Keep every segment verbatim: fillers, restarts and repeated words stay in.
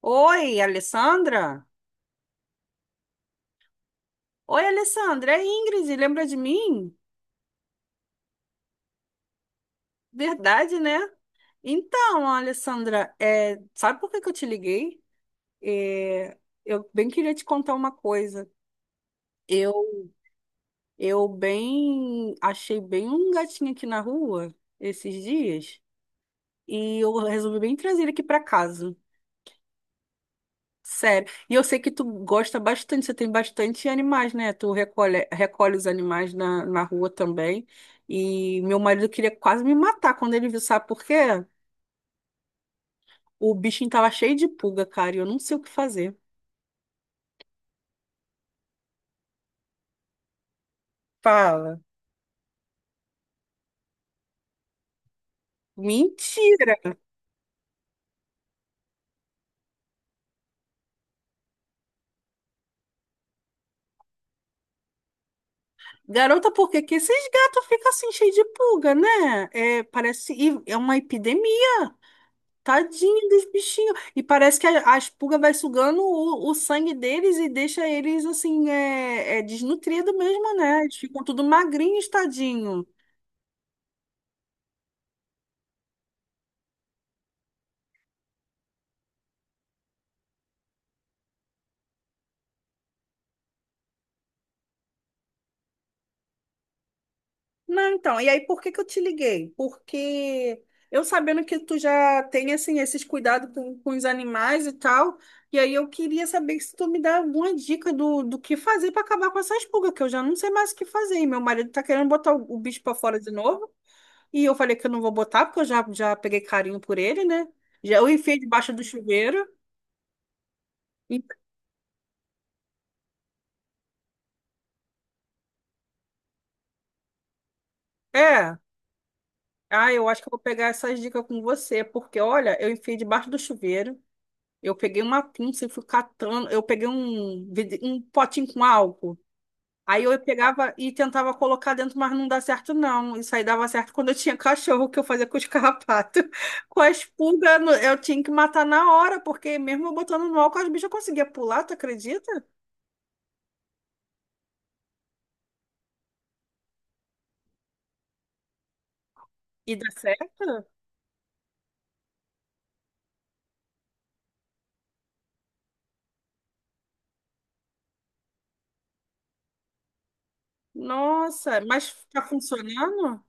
Oi, Alessandra? Oi, Alessandra, é Ingrid, lembra de mim? Verdade, né? Então, Alessandra, é, sabe por que que eu te liguei? É, eu bem queria te contar uma coisa. Eu, eu bem achei bem um gatinho aqui na rua esses dias e eu resolvi bem trazer ele aqui para casa. Sério. E eu sei que tu gosta bastante, você tem bastante animais, né? Tu recolhe, recolhe os animais na, na rua também. E meu marido queria quase me matar quando ele viu, sabe por quê? O bichinho tava cheio de pulga, cara, e eu não sei o que fazer. Fala. Mentira! Garota, por que que esses gatos ficam assim cheios de pulga, né? É, parece, e é uma epidemia. Tadinho dos bichinhos. E parece que a, a pulga vai sugando o, o sangue deles e deixa eles assim, é, é desnutrido mesmo, né? Eles ficam tudo magrinhos, tadinho. Não, então, e aí por que que eu te liguei? Porque eu sabendo que tu já tem, assim, esses cuidados com, com os animais e tal, e aí eu queria saber se tu me dá alguma dica do, do que fazer para acabar com essas pulgas, que eu já não sei mais o que fazer. E meu marido tá querendo botar o, o bicho para fora de novo. E eu falei que eu não vou botar, porque eu já, já peguei carinho por ele, né? Já eu enfiei debaixo do chuveiro. E- É. Ah, eu acho que eu vou pegar essas dicas com você, porque olha, eu enfiei debaixo do chuveiro. Eu peguei uma pinça e fui catando. Eu peguei um, vid- um potinho com álcool. Aí eu pegava e tentava colocar dentro, mas não dá certo, não. Isso aí dava certo quando eu tinha cachorro, que eu fazia com os carrapatos. Com a pulgas, no- eu tinha que matar na hora, porque mesmo eu botando no álcool, as bichas conseguiam pular, tu acredita? E dá certo? Nossa, mas tá funcionando?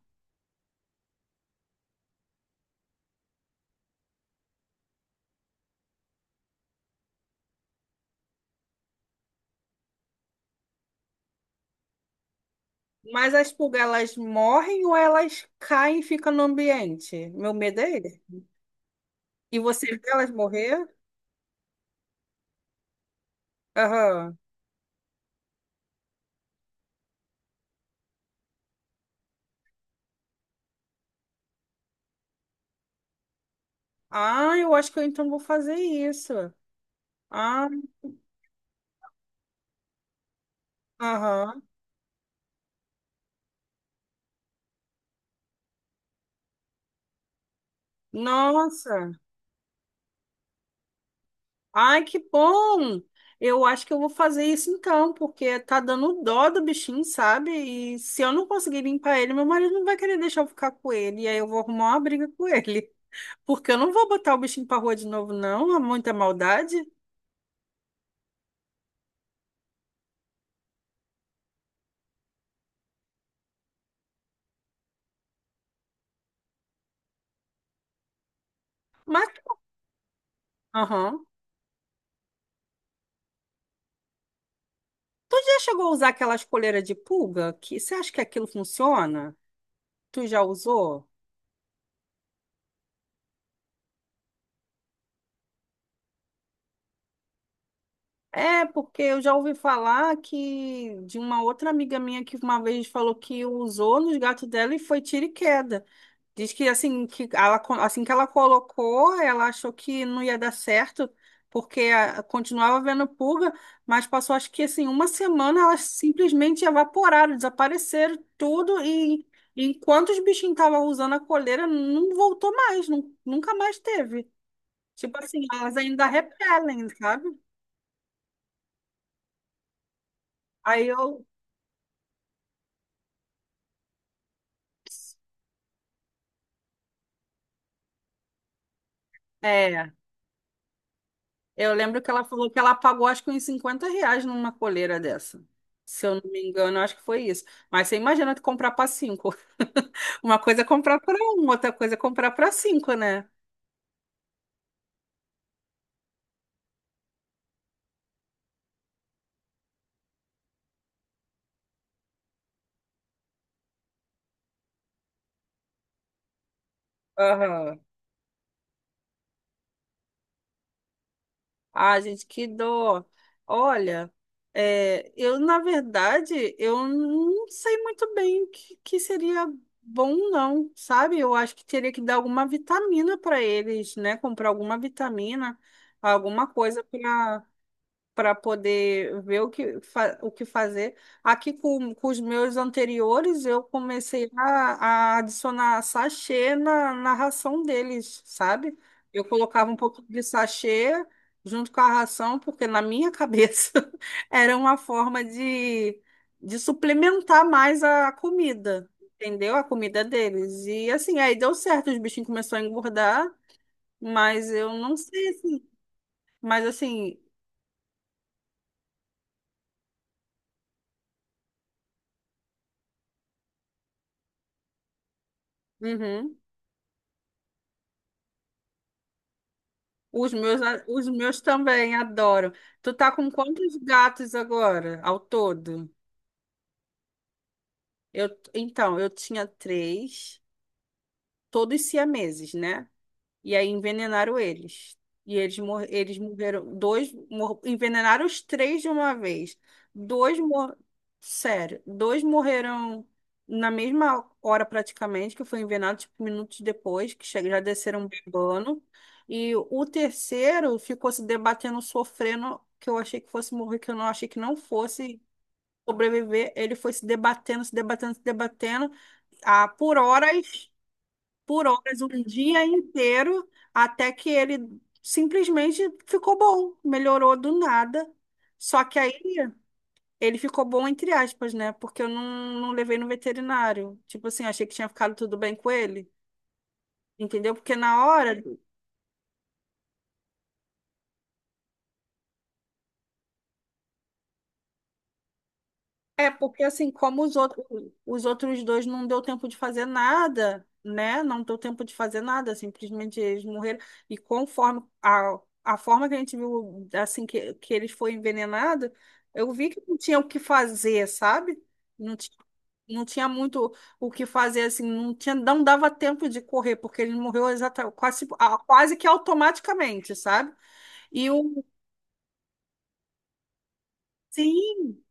Mas as pulgas, elas morrem ou elas caem e ficam no ambiente? Meu medo é ele. E você vê elas morrer? Aham. Ah, eu acho que eu então vou fazer isso. Ah, aham. Nossa. Ai, que bom! Eu acho que eu vou fazer isso então, porque tá dando dó do bichinho, sabe? E se eu não conseguir limpar ele, meu marido não vai querer deixar eu ficar com ele. E aí eu vou arrumar uma briga com ele. Porque eu não vou botar o bichinho pra rua de novo, não. Há muita maldade. Mas, aham. Tu já chegou a usar aquelas coleiras de pulga? Que, você acha que aquilo funciona? Tu já usou? É, porque eu já ouvi falar que de uma outra amiga minha que uma vez falou que usou nos gatos dela e foi tiro e queda. Diz que assim que ela, co- assim que ela colocou, ela achou que não ia dar certo, porque ah, continuava vendo pulga, mas passou acho que assim uma semana elas simplesmente evaporaram, desapareceram tudo e e enquanto os bichinhos estavam usando a coleira, não voltou mais, nun- nunca mais teve. Tipo assim, elas ainda repelem, sabe? Aí eu, é, Eu lembro que ela falou que ela pagou acho que uns cinquenta reais numa coleira dessa. Se eu não me engano, acho que foi isso. Mas você imagina tu comprar para cinco. Uma coisa é comprar para um, outra coisa é comprar para cinco, né? Aham. Ah, gente, que dó. Olha, é, eu, na verdade, eu não sei muito bem o que, que seria bom, não, sabe? Eu acho que teria que dar alguma vitamina para eles, né? Comprar alguma vitamina, alguma coisa para. para poder ver o que, fa- o que fazer. Aqui com, com os meus anteriores, eu comecei a, a adicionar sachê na, na ração deles, sabe? Eu colocava um pouco de sachê junto com a ração, porque na minha cabeça era uma forma de, de suplementar mais a comida. Entendeu? A comida deles. E assim, aí deu certo, os bichinhos começaram a engordar, mas eu não sei, assim. Mas assim, uhum. Os meus, a- os meus também adoram. Tu tá com quantos gatos agora, ao todo? Eu, então, eu tinha três, todos siameses, né? E aí envenenaram eles. E eles, mor eles morreram. Dois mor envenenaram os três de uma vez. Dois mor Sério, dois morreram na mesma hora praticamente, que foi envenenado, tipo, minutos depois, que che- já desceram bebando. E o terceiro ficou se debatendo, sofrendo, que eu achei que fosse morrer, que eu não achei que não fosse sobreviver. Ele foi se debatendo, se debatendo, se debatendo, ah, por horas por horas, um dia inteiro, até que ele simplesmente ficou bom, melhorou do nada. Só que aí ele ficou bom entre aspas, né? Porque eu não, não levei no veterinário. Tipo assim, achei que tinha ficado tudo bem com ele, entendeu? Porque na hora É, porque assim, como os outros, os outros dois não deu tempo de fazer nada, né? Não deu tempo de fazer nada, simplesmente eles morreram. E conforme a, a forma que, a gente viu, assim, que, que eles foram envenenados, eu vi que não tinha o que fazer, sabe? Não tinha, não tinha muito o que fazer, assim, não tinha, não dava tempo de correr, porque ele morreu exata, quase, a- quase que automaticamente, sabe? E o, sim,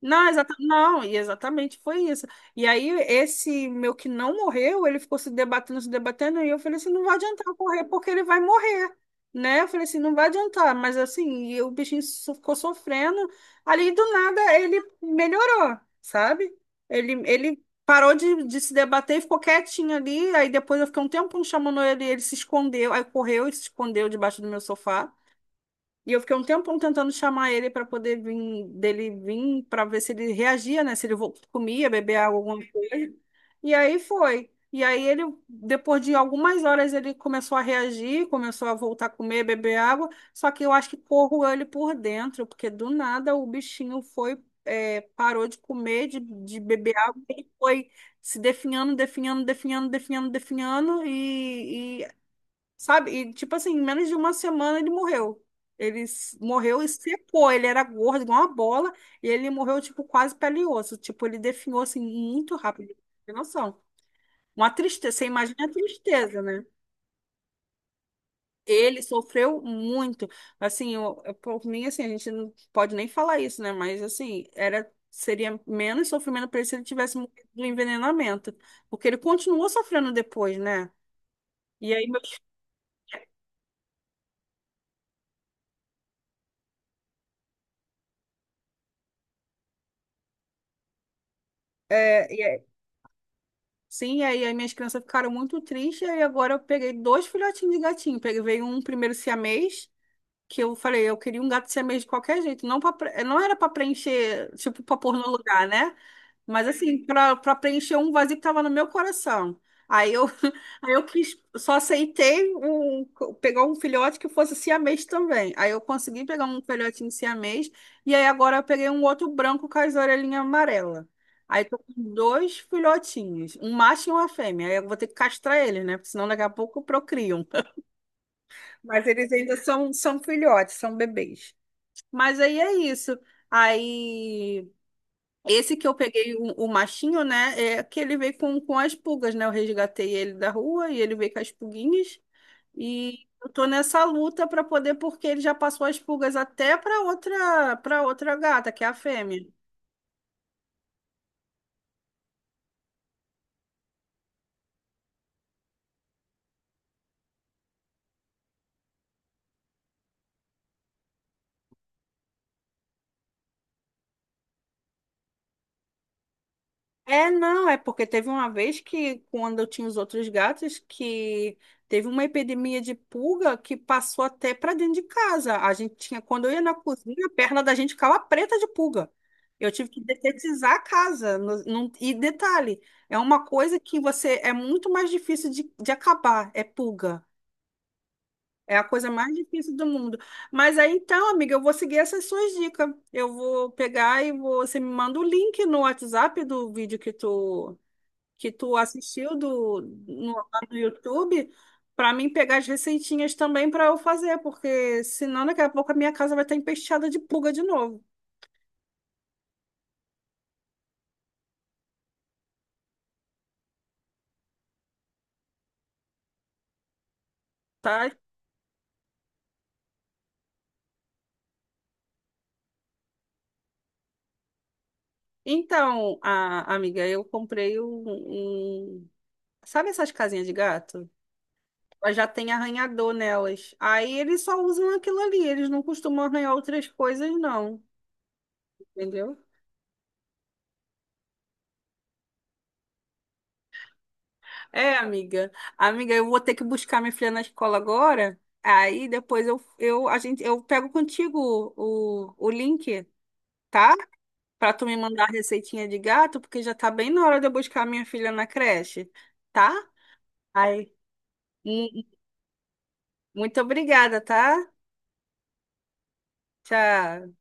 não, exata... não, e exatamente foi isso. E aí, esse meu que não morreu, ele ficou se debatendo, se debatendo, e eu falei assim: não vai adiantar eu correr, porque ele vai morrer, né? Eu falei assim: não vai adiantar, mas assim, e o bichinho so- ficou sofrendo. Ali do nada, ele melhorou, sabe? Ele, ele parou de, de se debater e ficou quietinho ali. Aí depois eu fiquei um tempo chamando ele, ele se escondeu, aí correu e se escondeu debaixo do meu sofá. E eu fiquei um tempão tentando chamar ele para poder vir, dele vir, para ver se ele reagia, né? Se ele vo- comia, bebia água, alguma coisa. E aí foi. E aí ele, depois de algumas horas, ele começou a reagir, começou a voltar a comer, beber água. Só que eu acho que corroeu ele por dentro, porque do nada o bichinho foi, é, parou de comer, de, de beber água, ele foi se definhando, definhando, definhando, definhando, definhando, e, Sabe? E, tipo assim, em menos de uma semana ele morreu. Ele s- morreu e secou. Ele era gordo, igual uma bola, e ele morreu, tipo, quase pele e osso. Tipo, ele definhou, assim, muito rápido. Tem noção. Uma tristeza. Você imagina a tristeza, né? Ele sofreu muito. Assim, eu, eu- por mim, assim, a gente não pode nem falar isso, né? Mas, assim, era, seria menos sofrimento para ele se ele tivesse morrido do envenenamento. Porque ele continuou sofrendo depois, né? E aí, meus, é, Sim, e aí as minhas crianças ficaram muito tristes, e agora eu peguei dois filhotinhos de gatinho. Peguei veio um primeiro siamês, que eu falei, eu queria um gato siamês de qualquer jeito, não, pra, pre- não era para preencher, tipo, para pôr no lugar, né? Mas assim, para preencher um vazio que estava no meu coração. Aí eu, aí eu quis, só aceitei um, pegar um filhote que fosse siamês também. Aí eu consegui pegar um filhotinho siamês, e aí agora eu peguei um outro branco com as orelhinhas amarelas. Aí tô com dois filhotinhos, um macho e uma fêmea. Aí eu vou ter que castrar eles, né? Porque senão daqui a pouco procriam. Mas eles ainda são, são filhotes, são bebês. Mas aí é isso. Aí. Esse que eu peguei, o, o machinho, né? É que ele veio com, com as pulgas, né? Eu resgatei ele da rua e ele veio com as pulguinhas. E eu tô nessa luta para poder, porque ele já passou as pulgas até para outra, para outra gata, que é a fêmea. É, não, é porque teve uma vez que, quando eu tinha os outros gatos, que teve uma epidemia de pulga que passou até para dentro de casa. A gente tinha, quando eu ia na cozinha, a perna da gente ficava preta de pulga. Eu tive que detetizar a casa. No- num- e detalhe, é uma coisa que você é muito mais difícil de, de acabar, é pulga. É a coisa mais difícil do mundo. Mas aí então, amiga, eu vou seguir essas suas dicas. Eu vou pegar e vou- você me manda o link no WhatsApp do vídeo que tu que tu assistiu do, no, lá no YouTube para mim pegar as receitinhas também para eu fazer, porque senão daqui a pouco a minha casa vai estar empesteada de pulga de novo, tá? Então, a, amiga, eu comprei um, um- Sabe essas casinhas de gato? Elas já tem arranhador nelas. Aí eles só usam aquilo ali, eles não costumam arranhar outras coisas, não. Entendeu? É, amiga. Amiga, eu vou ter que buscar minha filha na escola agora. Aí depois eu, eu, a gente, eu pego contigo o, o link, tá? Pra tu me mandar a receitinha de gato, porque já tá bem na hora de eu buscar minha filha na creche, tá? Aí, mu- muito obrigada, tá? Tchau.